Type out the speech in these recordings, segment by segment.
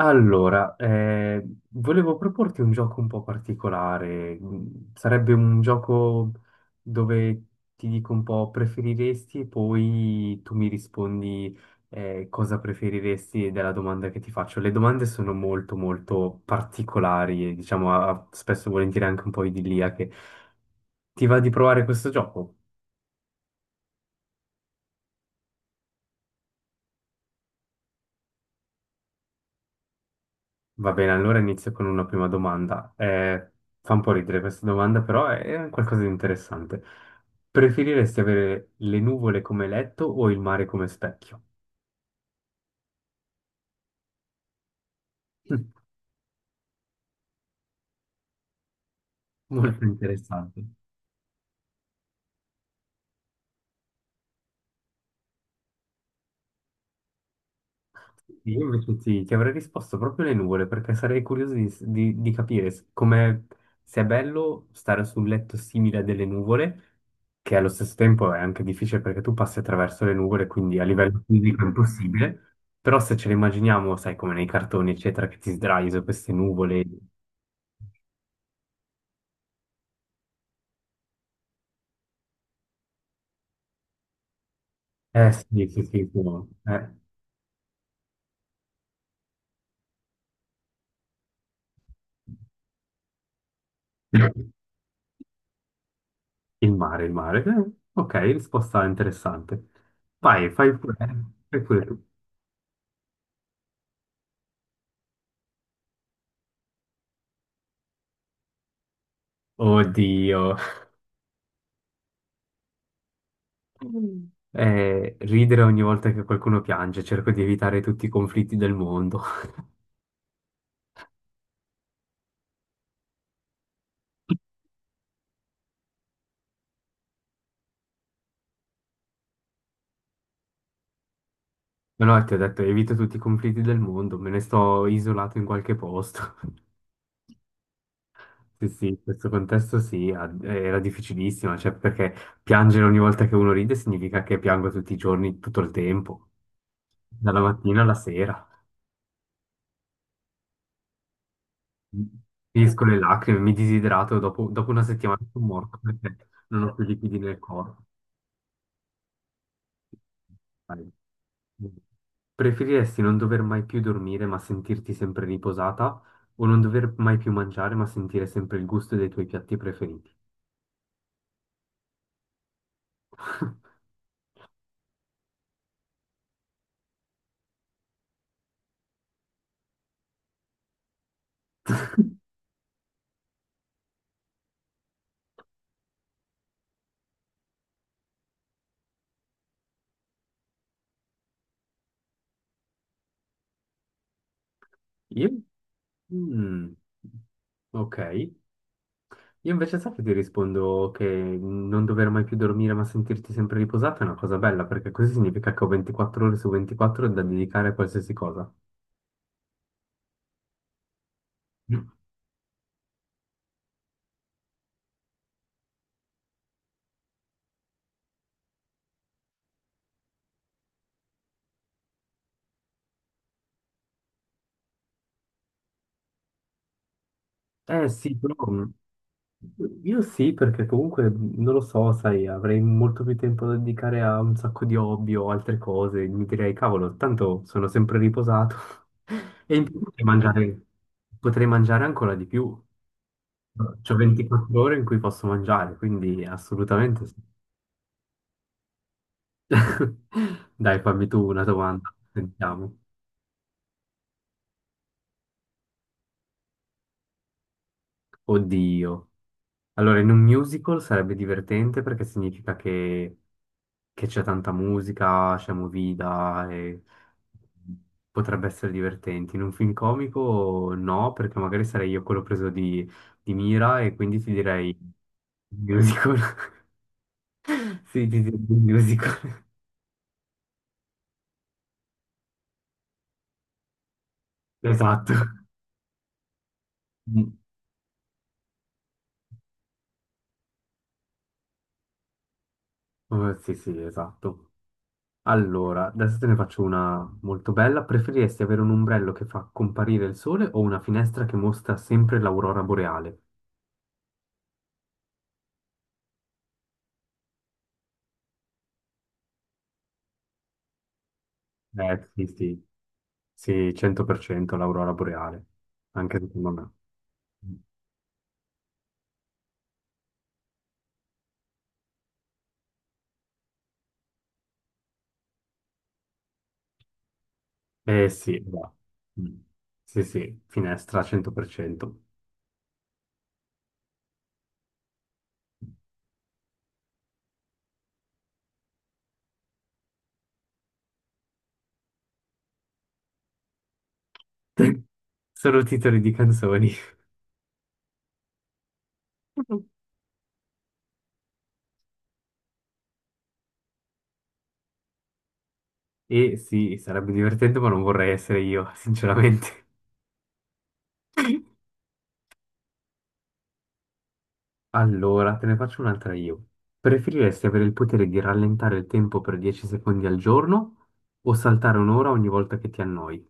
Allora, volevo proporti un gioco un po' particolare. Sarebbe un gioco dove ti dico un po' preferiresti e poi tu mi rispondi cosa preferiresti della domanda che ti faccio. Le domande sono molto molto particolari e diciamo spesso e volentieri anche un po' idilliache. Ti va di provare questo gioco? Va bene, allora inizio con una prima domanda. Fa un po' ridere questa domanda, però è qualcosa di interessante. Preferiresti avere le nuvole come letto o il mare come specchio? Molto interessante. Io invece ti avrei risposto proprio le nuvole perché sarei curioso di capire come sia bello stare su un letto simile a delle nuvole, che allo stesso tempo è anche difficile perché tu passi attraverso le nuvole, quindi a livello fisico è impossibile, però se ce le immaginiamo, sai, come nei cartoni, eccetera, che ti sdrai su queste nuvole. Eh sì, sì, sì, sì, sì, no. Il mare, il mare. Ok, risposta interessante. Vai, fai pure tu. Oddio. Mm. Ridere ogni volta che qualcuno piange, cerco di evitare tutti i conflitti del mondo. Ma no, ti ho detto, evito tutti i conflitti del mondo, me ne sto isolato in qualche posto. Sì, sì, in questo contesto sì, era difficilissima, cioè perché piangere ogni volta che uno ride significa che piango tutti i giorni, tutto il tempo, dalla mattina alla sera. Finisco le lacrime, mi disidrato, dopo una settimana sono morto perché non ho più liquidi nel corpo. Vai. Preferiresti non dover mai più dormire ma sentirti sempre riposata o non dover mai più mangiare ma sentire sempre il gusto dei tuoi piatti preferiti? Io? Mm, ok. Io invece sai che ti rispondo che non dover mai più dormire ma sentirti sempre riposata è una cosa bella perché così significa che ho 24 ore su 24 da dedicare a qualsiasi cosa. Eh sì, però io sì, perché comunque non lo so, sai, avrei molto più tempo da dedicare a un sacco di hobby o altre cose. Mi direi, cavolo, tanto sono sempre riposato e in più potrei mangiare ancora di più. C'ho 24 ore in cui posso mangiare, quindi assolutamente sì. Dai, fammi tu una domanda, sentiamo. Oddio. Allora, in un musical sarebbe divertente perché significa che c'è tanta musica, c'è movida e potrebbe essere divertente. In un film comico no, perché magari sarei io quello preso di mira e quindi ti direi musical. Sì, ti direi musical. Esatto. Mm. Oh, sì, sì, esatto. Allora, adesso te ne faccio una molto bella. Preferiresti avere un ombrello che fa comparire il sole o una finestra che mostra sempre l'aurora boreale? Sì, sì, sì, 100% l'aurora boreale, anche secondo me. Eh sì, va. Mm. Sì, sì, finestra 100%. Solo titoli di canzoni. E sì, sarebbe divertente, ma non vorrei essere io, sinceramente. Allora, te ne faccio un'altra io. Preferiresti avere il potere di rallentare il tempo per 10 secondi al giorno o saltare un'ora ogni volta che ti annoi?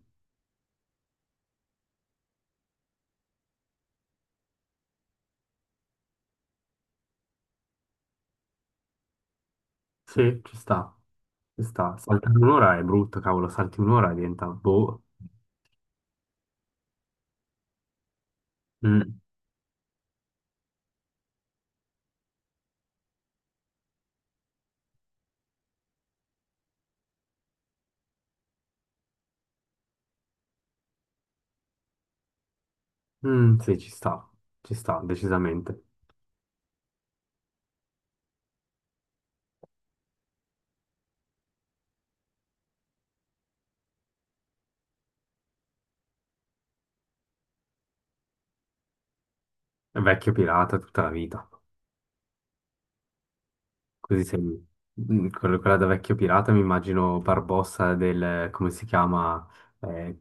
Sì, ci sta, ci sta. Saltare un'ora è brutto, cavolo, salti un'ora e diventa boh. Mm. Mm, sì, ci sta, decisamente. È vecchio pirata tutta la vita. Così sei... Quella da vecchio pirata mi immagino Barbossa del... come si chiama? Eh,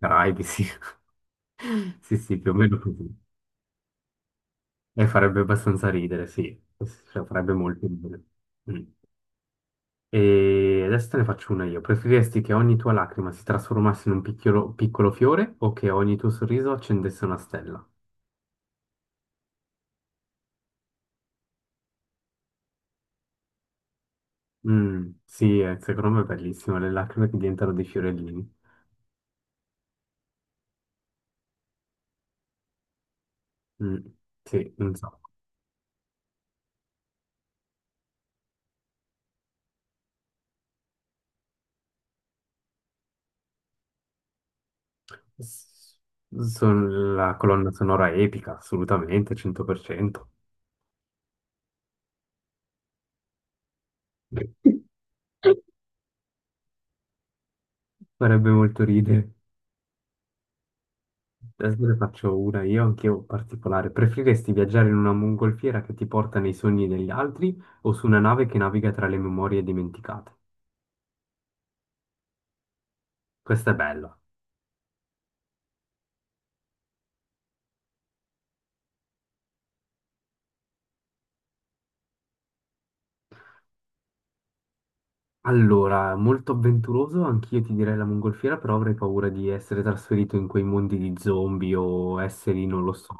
Caraibi, sì. Sì, sì, più o meno così. E farebbe abbastanza ridere, sì. Sì, sì, cioè, farebbe molto ridere. Mm. E adesso te ne faccio una io. Preferiresti che ogni tua lacrima si trasformasse in un piccolo, piccolo fiore o che ogni tuo sorriso accendesse una stella? Sì, secondo me è bellissimo, le lacrime che diventano dei fiorellini. Mm, sì, non so. S- Sono la colonna sonora epica, assolutamente, 100%. Farebbe molto ridere. Adesso ne faccio una io, anch'io particolare. Preferiresti viaggiare in una mongolfiera che ti porta nei sogni degli altri o su una nave che naviga tra le memorie dimenticate? Questa è bella. Allora, molto avventuroso, anch'io ti direi la mongolfiera, però avrei paura di essere trasferito in quei mondi di zombie o esseri, non lo so.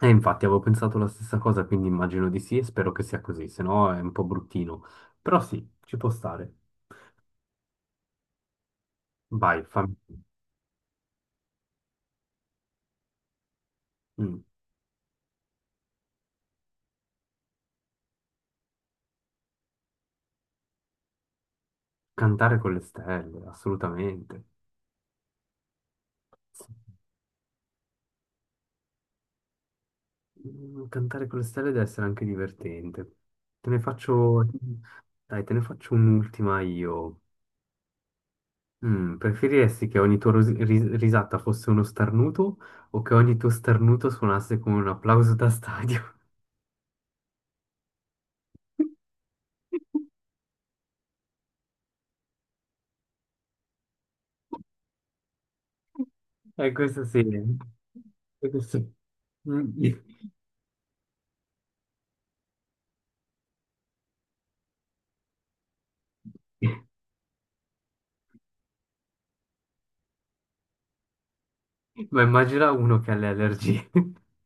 E infatti avevo pensato la stessa cosa, quindi immagino di sì e spero che sia così, se no è un po' bruttino. Però sì, ci può stare. Vai, fammi... mm, Cantare con le stelle, assolutamente. Sì. Cantare con le stelle deve essere anche divertente. Te ne faccio... Dai, te ne faccio un'ultima io. Preferiresti che ogni tua risata fosse uno starnuto o che ogni tuo starnuto suonasse come un applauso da stadio? Questo sì. Sì. Mm. Ma immagina uno che ha le allergie.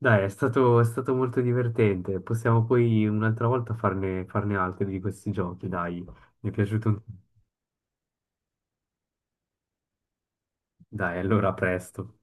Dai, è stato molto divertente. Possiamo poi un'altra volta farne altri di questi giochi, dai. Mi è piaciuto. Dai, allora a presto.